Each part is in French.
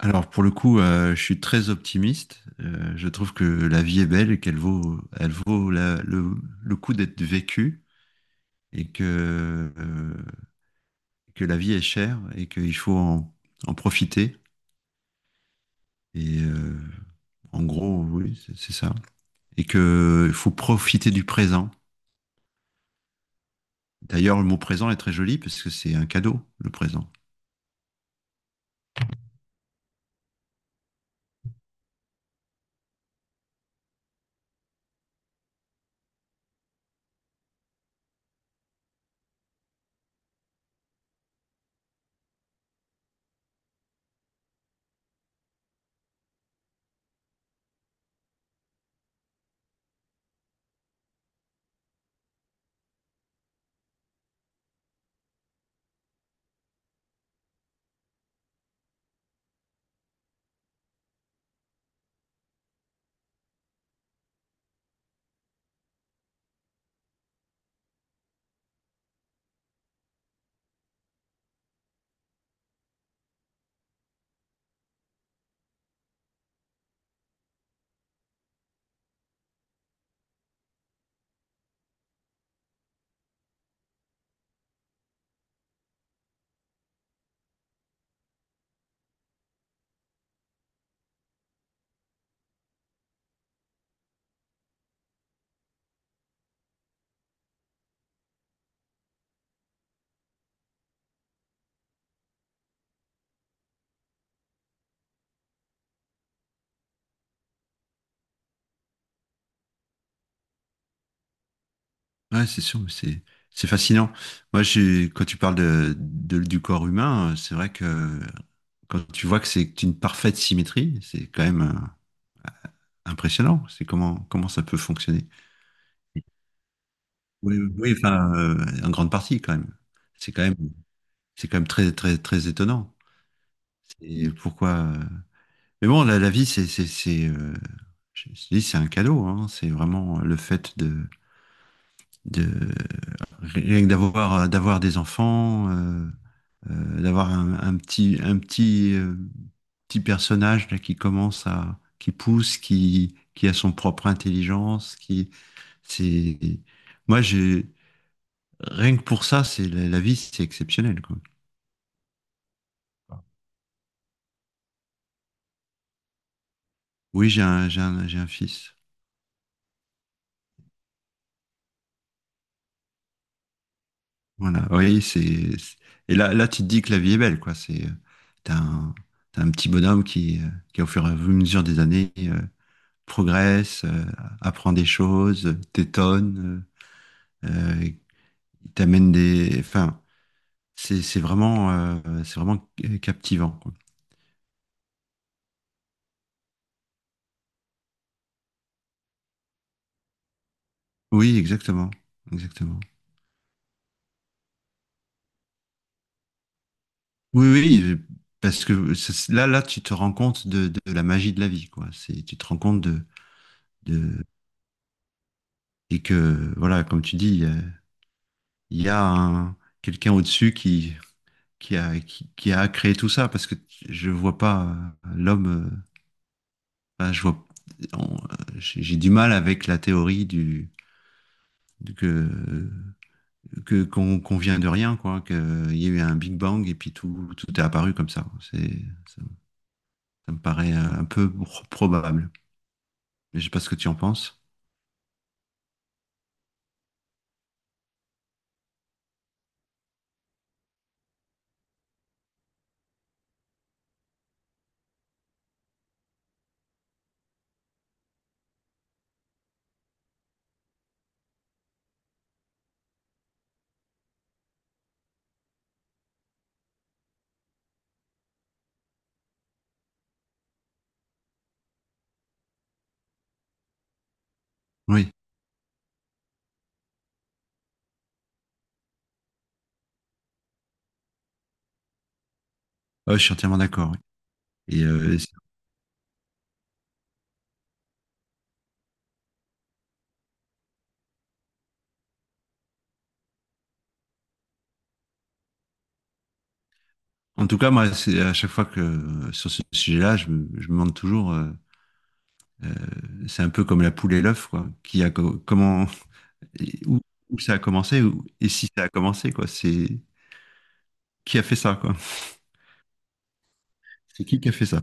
Alors pour le coup, je suis très optimiste. Je trouve que la vie est belle et qu'elle vaut le coup d'être vécue et que que la vie est chère et qu'il faut en profiter. Et en gros, oui, c'est ça. Et que il faut profiter du présent. D'ailleurs, le mot présent est très joli parce que c'est un cadeau, le présent. Ouais, c'est sûr, mais c'est fascinant. Moi, j'ai quand tu parles de, du corps humain, c'est vrai que quand tu vois que c'est une parfaite symétrie, c'est quand même impressionnant. C'est comment ça peut fonctionner. Oui, oui, oui, enfin, en grande partie quand même. C'est quand même, c'est quand même très très très étonnant. Et pourquoi Mais bon, la vie, c'est c'est je dis, c'est un cadeau. Hein. C'est vraiment le fait de rien que d'avoir des enfants. D'avoir un petit, petit personnage là, qui commence à, qui pousse, qui a son propre intelligence, qui, c'est, moi j'ai, rien que pour ça, c'est la, la vie, c'est exceptionnel, quoi. Oui, j'ai un, j'ai un, j'ai un fils. Voilà. Oui, c'est, et là, là, tu te dis que la vie est belle, quoi. C'est, t'as un, t'as un petit bonhomme qui au fur et à mesure des années, progresse, apprend des choses, t'étonne, euh, euh, il t'amène des. Enfin, c'est vraiment, c'est vraiment captivant, quoi. Oui, exactement. Exactement. Oui, oui, parce que là, là, tu te rends compte de la magie de la vie, quoi. C'est, tu te rends compte de, et que, voilà, comme tu dis, il y a un, quelqu'un au-dessus qui a créé tout ça, parce que je vois pas l'homme, enfin, je vois, on- euh, j'ai du mal avec la théorie du que qu'on qu'on vient de rien, quoi, qu'il y a eu un Big Bang et puis tout, tout est apparu comme ça. C'est, ça, ça me paraît un peu probable. Mais je sais pas ce que tu en penses. Oui. Ouais, je suis entièrement d'accord. Oui. Et euh, en tout cas, moi, c'est à chaque fois que sur ce sujet-là, je me demande toujours, euh, c'est un peu comme la poule et l'œuf, quoi. Qui a comment, et où, où ça a commencé et si ça a commencé, quoi. C'est qui a fait ça, quoi. C'est qui a fait ça?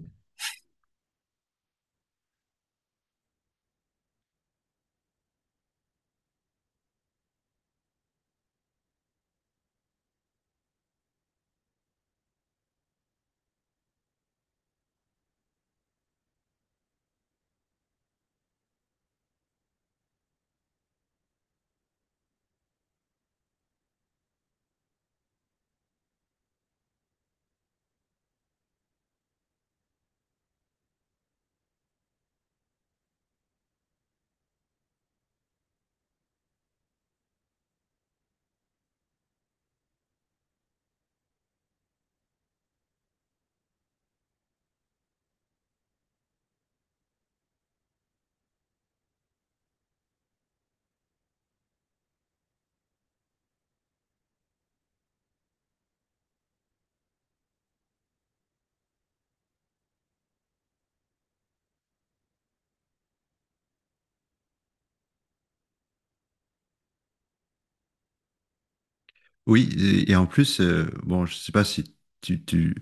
Oui, et en plus, bon, je sais pas si tu, tu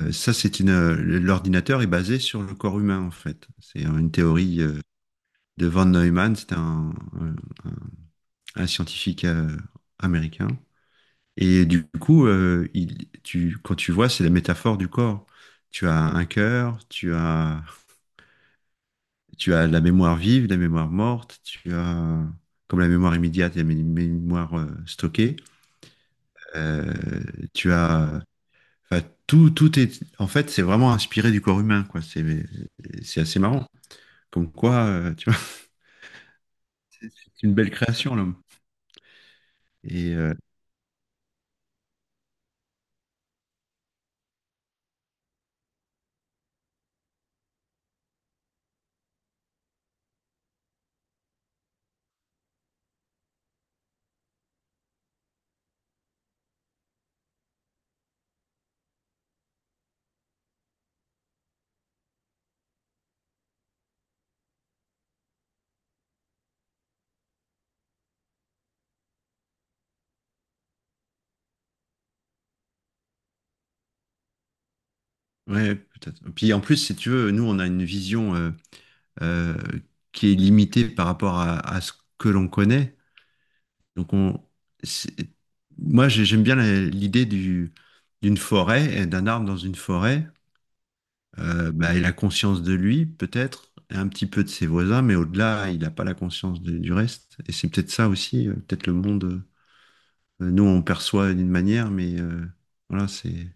Euh, Ça, c'est une, l'ordinateur est basé sur le corps humain, en fait. C'est une théorie de von Neumann, c'est un, un- un scientifique américain. Et du coup, il, tu, quand tu vois, c'est la métaphore du corps. Tu as un cœur, tu as la mémoire vive, la mémoire morte, tu as, comme la mémoire immédiate et la mémoire stockée. Euh, tu as, enfin, tout, tout est, en fait, c'est vraiment inspiré du corps humain, quoi. C'est assez marrant. Comme quoi, tu vois, c'est une belle création, l'homme. Et ouais, peut-être. Puis en plus, si tu veux, nous, on a une vision euh, qui est limitée par rapport à ce que l'on connaît. Donc, on, c'est- moi, j'aime bien la- l'idée du, d'une forêt, et d'un arbre dans une forêt. Bah, il a conscience de lui, peut-être, et un petit peu de ses voisins, mais au-delà, il n'a pas la conscience de- du reste. Et c'est peut-être ça aussi, peut-être le monde, nous, on perçoit d'une manière, mais voilà, c'est.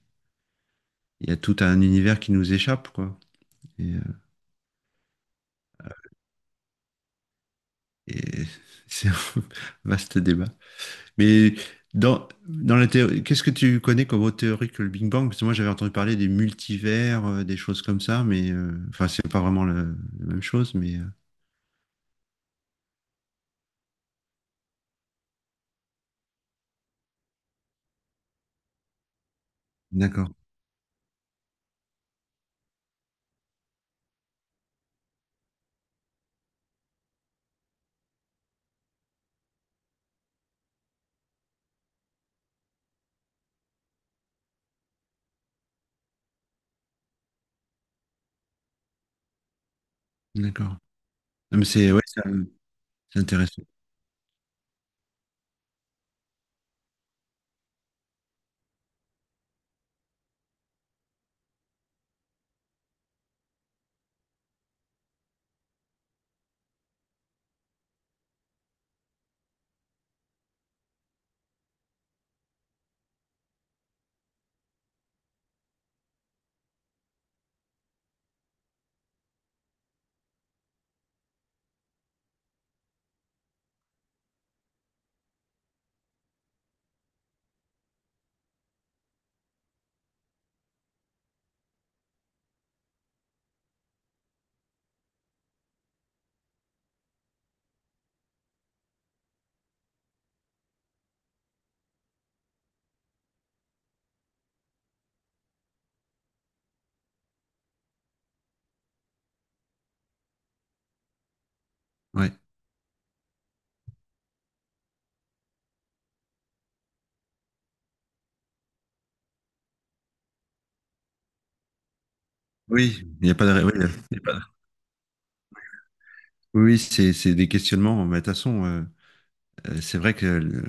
Il y a tout un univers qui nous échappe, quoi. Et, euh, et c'est un vaste débat. Mais dans, dans la théorie, qu'est-ce que tu connais comme autre théorie que le Big Bang? Parce que moi, j'avais entendu parler des multivers, des choses comme ça, mais enfin, c'est pas vraiment la même chose, mais d'accord, d'accord. Non, mais c'est ouais, c'est intéressant. Ouais. Oui, il n'y a pas de. Oui, il y a pas de. Oui, oui, c'est des questionnements. Mais de toute façon, c'est vrai que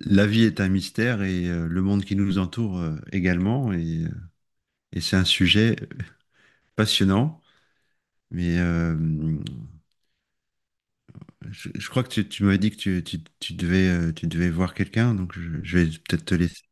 la vie est un mystère et le monde qui nous entoure également. Et c'est un sujet passionnant. Mais je crois que tu m'avais dit que tu, tu devais voir quelqu'un, donc je vais peut-être te laisser